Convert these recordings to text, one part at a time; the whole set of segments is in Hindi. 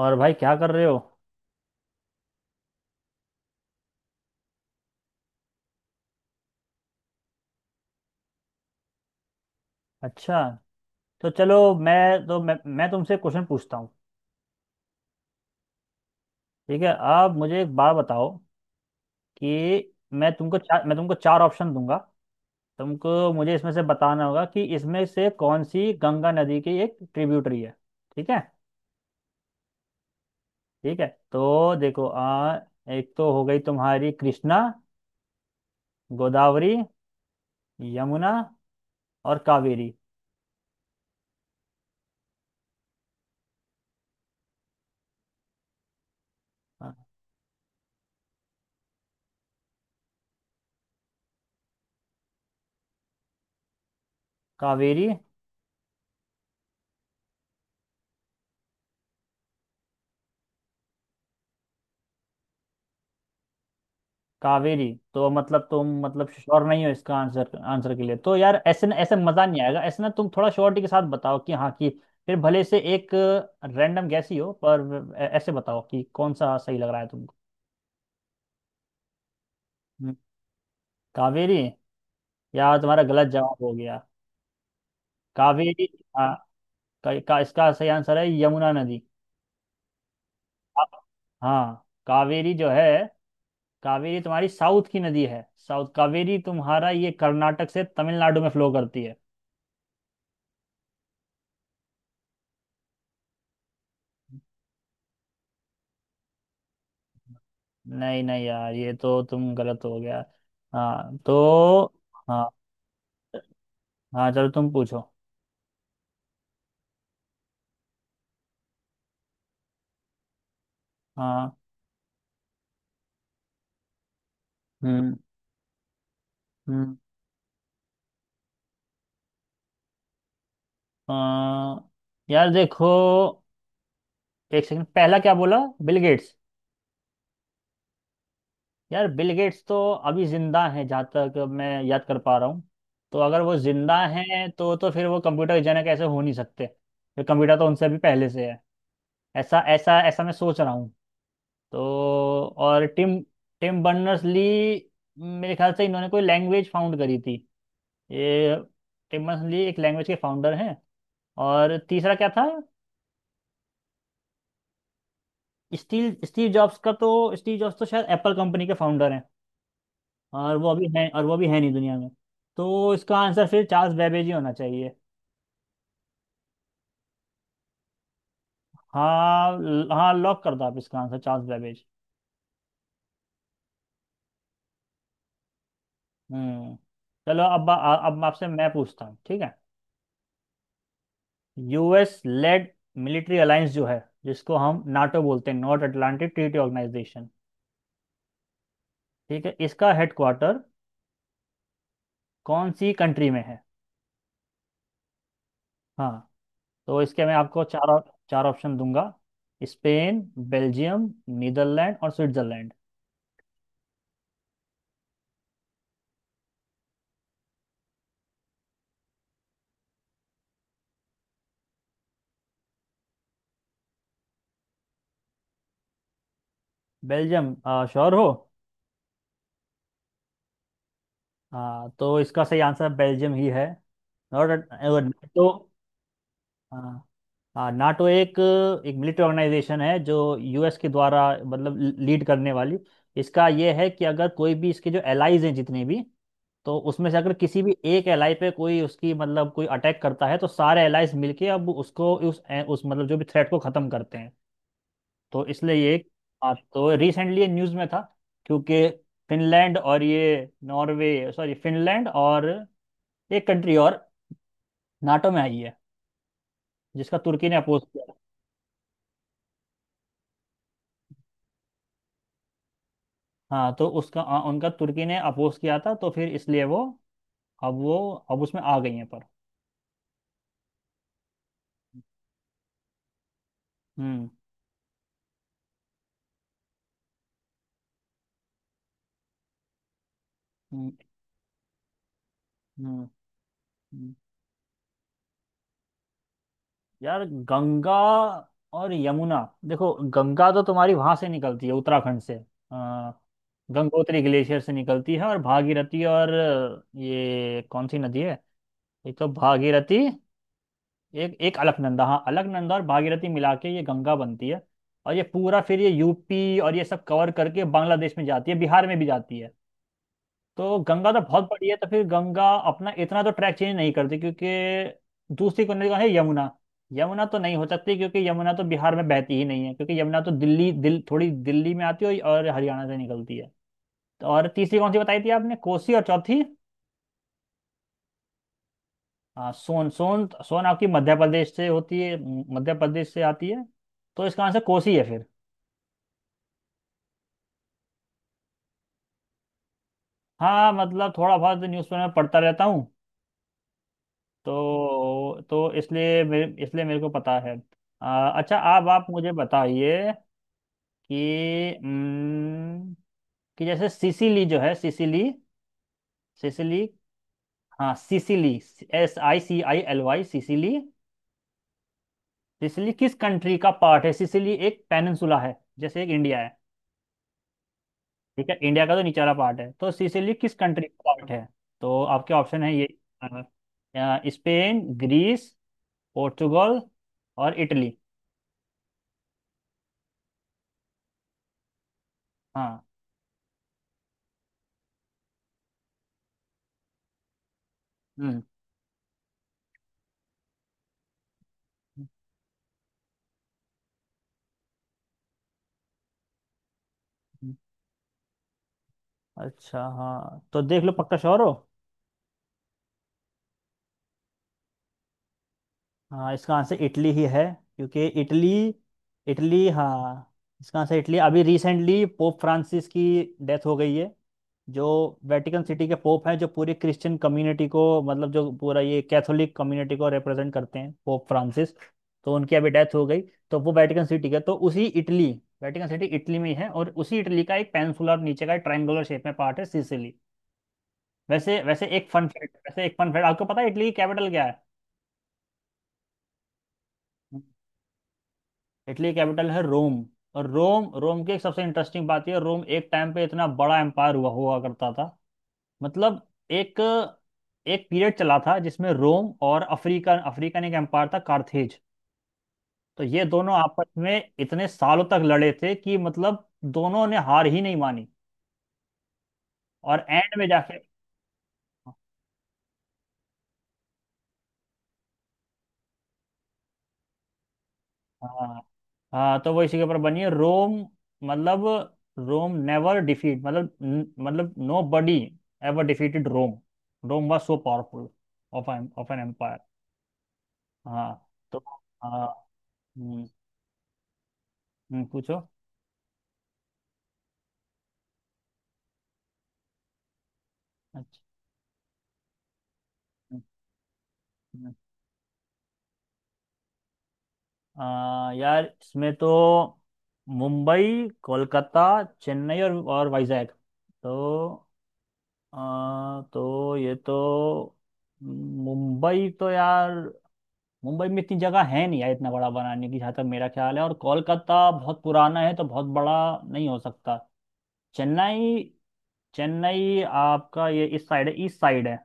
और भाई क्या कर रहे हो? अच्छा। तो चलो, मैं तुमसे क्वेश्चन पूछता हूँ। ठीक है, आप मुझे एक बात बताओ, कि मैं तुमको चार ऑप्शन दूंगा। तुमको मुझे इसमें से बताना होगा कि इसमें से कौन सी गंगा नदी की एक ट्रिब्यूटरी है। ठीक है, ठीक है। तो देखो, एक तो हो गई तुम्हारी कृष्णा, गोदावरी, यमुना और कावेरी। हाँ। कावेरी? कावेरी तो मतलब तुम मतलब श्योर नहीं हो इसका आंसर आंसर के लिए तो, यार, ऐसे ना, ऐसे मजा नहीं आएगा। ऐसे ना, तुम थोड़ा श्योरिटी के साथ बताओ कि हाँ, कि फिर भले से एक रैंडम गैस ही हो, पर ऐसे बताओ कि कौन सा सही लग रहा है तुमको। हम्म। कावेरी? यार, तुम्हारा गलत जवाब हो गया। कावेरी। हाँ। इसका सही आंसर है यमुना नदी। आप- हाँ, कावेरी जो है, कावेरी तुम्हारी साउथ की नदी है। साउथ कावेरी तुम्हारा ये कर्नाटक से तमिलनाडु में फ्लो करती है। नहीं नहीं, यार, ये तो तुम गलत हो गया। हाँ तो। हाँ। हाँ, चलो, तुम पूछो। हाँ। हम्म। हम्म। आ, यार, देखो, एक सेकंड, पहला क्या बोला? Bill Gates. यार, बिल गेट्स तो अभी जिंदा हैं जहाँ तक मैं याद कर पा रहा हूँ। तो अगर वो जिंदा हैं तो फिर वो कंप्यूटर जनक ऐसे हो नहीं सकते। फिर कंप्यूटर तो उनसे भी पहले से है। ऐसा ऐसा ऐसा मैं सोच रहा हूँ तो। और टिम टिम बर्नर्स ली, मेरे ख्याल से इन्होंने कोई लैंग्वेज फाउंड करी थी। ये टिम बर्नर्स ली एक लैंग्वेज के फाउंडर हैं। और तीसरा क्या था? स्टीव स्टीव जॉब्स का तो, स्टीव जॉब्स तो शायद एप्पल कंपनी के फाउंडर हैं। और वो अभी है, और वो भी है नहीं दुनिया में। तो इसका आंसर फिर चार्ल्स बेबेज ही होना चाहिए। हाँ, हाँ, लॉक कर दो आप, इसका आंसर चार्ल्स बेबेज। हम्म। चलो, अब अब आपसे मैं पूछता हूँ, ठीक है। यूएस लेड मिलिट्री अलायंस जो है, जिसको हम नाटो बोलते हैं, नॉर्थ अटलांटिक ट्रीटी ऑर्गेनाइजेशन, ठीक है, इसका हेडक्वार्टर कौन सी कंट्री में है? हाँ। तो इसके मैं आपको चार ऑप्शन दूंगा। स्पेन, बेल्जियम, नीदरलैंड और स्विट्जरलैंड। बेल्जियम? श्योर हो? हाँ, तो इसका सही आंसर बेल्जियम ही है। और नाटो, हाँ। हाँ, नाटो एक एक मिलिट्री ऑर्गेनाइजेशन है जो यूएस के द्वारा मतलब लीड करने वाली। इसका ये है कि अगर कोई भी इसके जो एलाइज हैं, जितने भी, तो उसमें से अगर किसी भी एक एलाई पे कोई उसकी मतलब कोई अटैक करता है, तो सारे एलाइज मिलके अब उसको उस मतलब जो भी थ्रेट को खत्म करते हैं, तो इसलिए ये। हाँ, तो रिसेंटली ये न्यूज़ में था क्योंकि फिनलैंड और ये नॉर्वे सॉरी, फिनलैंड और एक कंट्री और नाटो में आई है जिसका तुर्की ने अपोज किया। हाँ, तो उसका उनका तुर्की ने अपोज किया था, तो फिर इसलिए वो, अब वो, अब उसमें आ गई है पर। हम्म। हम्म। हम्म। हम्म। यार, गंगा और यमुना, देखो, गंगा तो तुम्हारी वहां से निकलती है उत्तराखंड से, आ, गंगोत्री ग्लेशियर से निकलती है, और भागीरथी और ये कौन सी नदी है? एक तो भागीरथी, एक एक अलकनंदा, हाँ, अलकनंदा और भागीरथी मिला के ये गंगा बनती है। और ये पूरा फिर ये यूपी और ये सब कवर करके बांग्लादेश में जाती है, बिहार में भी जाती है। तो गंगा तो बहुत बड़ी है, तो फिर गंगा अपना इतना तो ट्रैक चेंज नहीं करती क्योंकि दूसरी कौन है, यमुना। यमुना तो नहीं हो सकती क्योंकि यमुना तो बिहार में बहती ही नहीं है क्योंकि यमुना तो दिल्ली, दिल थोड़ी दिल्ली में आती है और हरियाणा से निकलती है। तो और तीसरी कौन सी बताई थी आपने, कोसी, और चौथी? हाँ, सोन सोन सोन आपकी मध्य प्रदेश से होती है, मध्य प्रदेश से आती है। तो इसका आंसर कोसी है फिर। हाँ, मतलब थोड़ा बहुत न्यूज़पेपर में पढ़ता रहता हूँ, तो इसलिए मेरे को पता है। अच्छा, आप मुझे बताइए कि कि जैसे सिसिली जो है, सिसिली, सिसिली, हाँ, सिसिली, Sicily, सिसिली, सिसिली किस कंट्री का पार्ट है? सिसिली एक पेनिनसुला है जैसे एक इंडिया है। ठीक है, इंडिया का तो निचला पार्ट है। तो सिसिली किस कंट्री का पार्ट है? तो आपके ऑप्शन है ये, अ, स्पेन, ग्रीस, पोर्चुगल और इटली। हाँ। हम्म। अच्छा। हाँ, तो देख लो पक्का, श्योर हो? हाँ, इसका आंसर इटली ही है। क्योंकि इटली, इटली, हाँ, इसका आंसर इटली। अभी रिसेंटली पोप फ्रांसिस की डेथ हो गई है, जो वेटिकन सिटी के पोप हैं, जो पूरी क्रिश्चियन कम्युनिटी को, मतलब जो पूरा ये कैथोलिक कम्युनिटी को रिप्रेजेंट करते हैं, पोप फ्रांसिस। तो उनकी अभी डेथ हो गई। तो वो वेटिकन सिटी के, तो उसी इटली, वेटिकन सिटी इटली में ही है और उसी इटली का एक पेनिनसुलर नीचे का ट्रायंगुलर शेप में पार्ट है सिसिली। वैसे, वैसे एक फन फैक्ट वैसे एक फन फैक्ट, आपको पता है इटली की कैपिटल क्या है? इटली कैपिटल है रोम। और रोम रोम की एक सबसे इंटरेस्टिंग बात, यह रोम एक टाइम पे इतना बड़ा एम्पायर हुआ हुआ करता था। मतलब एक एक पीरियड चला था जिसमें रोम और अफ्रीका अफ्रीकन एक एम्पायर था, कार्थेज। तो ये दोनों आपस में इतने सालों तक लड़े थे कि, मतलब, दोनों ने हार ही नहीं मानी। और एंड में जाके, हाँ। हाँ, तो वो इसी के ऊपर बनी है। रोम, मतलब, रोम नेवर डिफीट, मतलब, nobody ever defeated Rome. Rome was so powerful of of an empire. हाँ तो, हाँ हम्म। पूछो। अच्छा। हम्म। हम्म। यार, इसमें तो मुंबई, कोलकाता, चेन्नई और वाइजैक। तो तो ये तो, मुंबई तो, यार, मुंबई में इतनी जगह है नहीं, यार, इतना बड़ा बनाने की जहाँ तक मेरा ख्याल है, और कोलकाता बहुत पुराना है तो बहुत बड़ा नहीं हो सकता। चेन्नई, चेन्नई आपका ये इस साइड है, ईस्ट साइड है,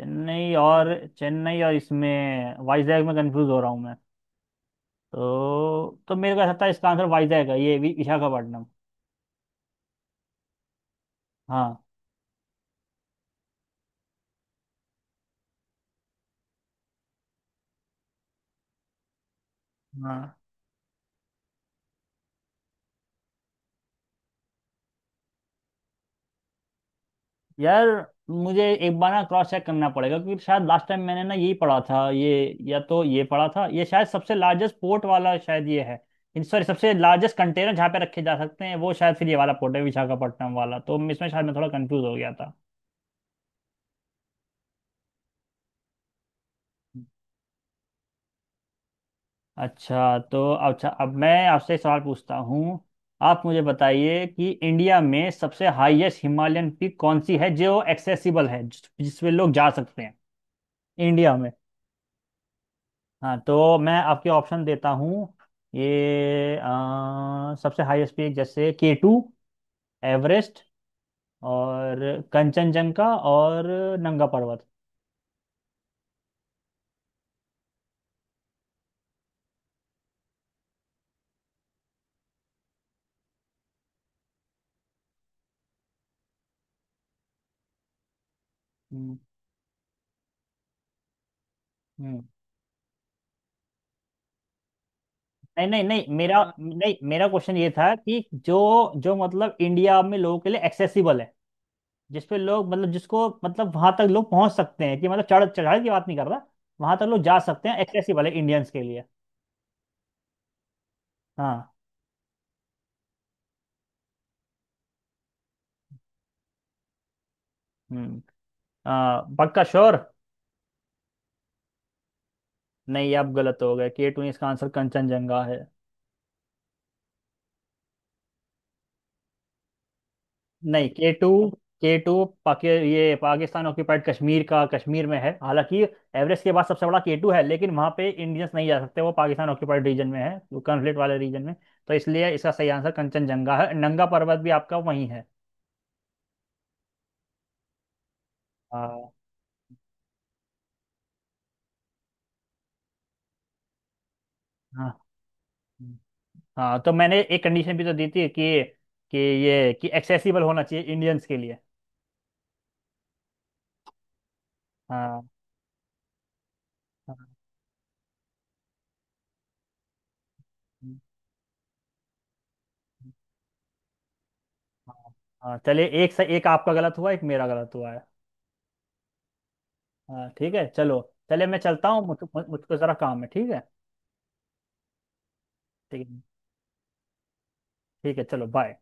चेन्नई और, चेन्नई और, इसमें वाइजैक में कंफ्यूज हो रहा हूँ मैं। तो मेरे को ऐसा था इसका आंसर वाइजैक है, ये विशाखापट्टनम। हाँ। हाँ, यार, मुझे एक बार ना क्रॉस चेक करना पड़ेगा क्योंकि शायद लास्ट टाइम मैंने ना यही पढ़ा था ये, या तो ये पढ़ा था ये शायद सबसे लार्जेस्ट पोर्ट वाला शायद ये है। इन सॉरी, सबसे लार्जेस्ट कंटेनर जहाँ पे रखे जा सकते हैं वो शायद फिर ये वाला पोर्ट है, विशाखापट्टनम वाला। तो इसमें शायद मैं थोड़ा कंफ्यूज हो गया था। अच्छा, तो अच्छा, अब मैं आपसे एक सवाल पूछता हूँ। आप मुझे बताइए कि इंडिया में सबसे हाईएस्ट हिमालयन पीक कौन सी है जो एक्सेसिबल है, जिसपे लोग जा सकते हैं इंडिया में। हाँ, तो मैं आपके ऑप्शन देता हूँ। ये सबसे हाईएस्ट पीक, जैसे के टू, एवरेस्ट, और कंचनजंगा, और नंगा पर्वत। हम्म। हम्म। नहीं नहीं नहीं, मेरा, हाँ, नहीं, मेरा क्वेश्चन ये था कि जो जो मतलब इंडिया में लोगों के लिए एक्सेसिबल है, जिसपे लोग, मतलब जिसको, मतलब वहां तक लोग पहुंच सकते हैं, कि मतलब चढ़ाई की बात नहीं कर रहा, वहां तक लोग जा सकते हैं, एक्सेसिबल है इंडियंस के लिए। हाँ। हम्म। पक्का श्योर? नहीं, आप गलत हो गए, के टू नहीं, इसका आंसर कंचनजंगा है। नहीं, के टू, के टू पाकि ये पाकिस्तान ऑक्यूपाइड कश्मीर का, कश्मीर में है। हालांकि एवरेस्ट के बाद सबसे बड़ा के टू है, लेकिन वहां पे इंडियंस नहीं जा सकते, वो पाकिस्तान ऑक्यूपाइड रीजन में है, वो कॉन्फ्लिक्ट वाले रीजन में। तो इसलिए इसका सही आंसर कंचनजंगा है। नंगा पर्वत भी आपका वहीं है। आ, हाँ। हाँ, तो मैंने एक कंडीशन भी तो दी थी कि ये कि एक्सेसिबल होना चाहिए इंडियंस के लिए। हाँ। हाँ। हाँ, चलिए, एक से एक, आपका गलत हुआ, एक मेरा गलत हुआ है। हाँ, ठीक है, चलो। चलिए, मैं चलता हूँ, मुझको, ज़रा काम है, ठीक है। ठीक है। ठीक है, चलो, बाय।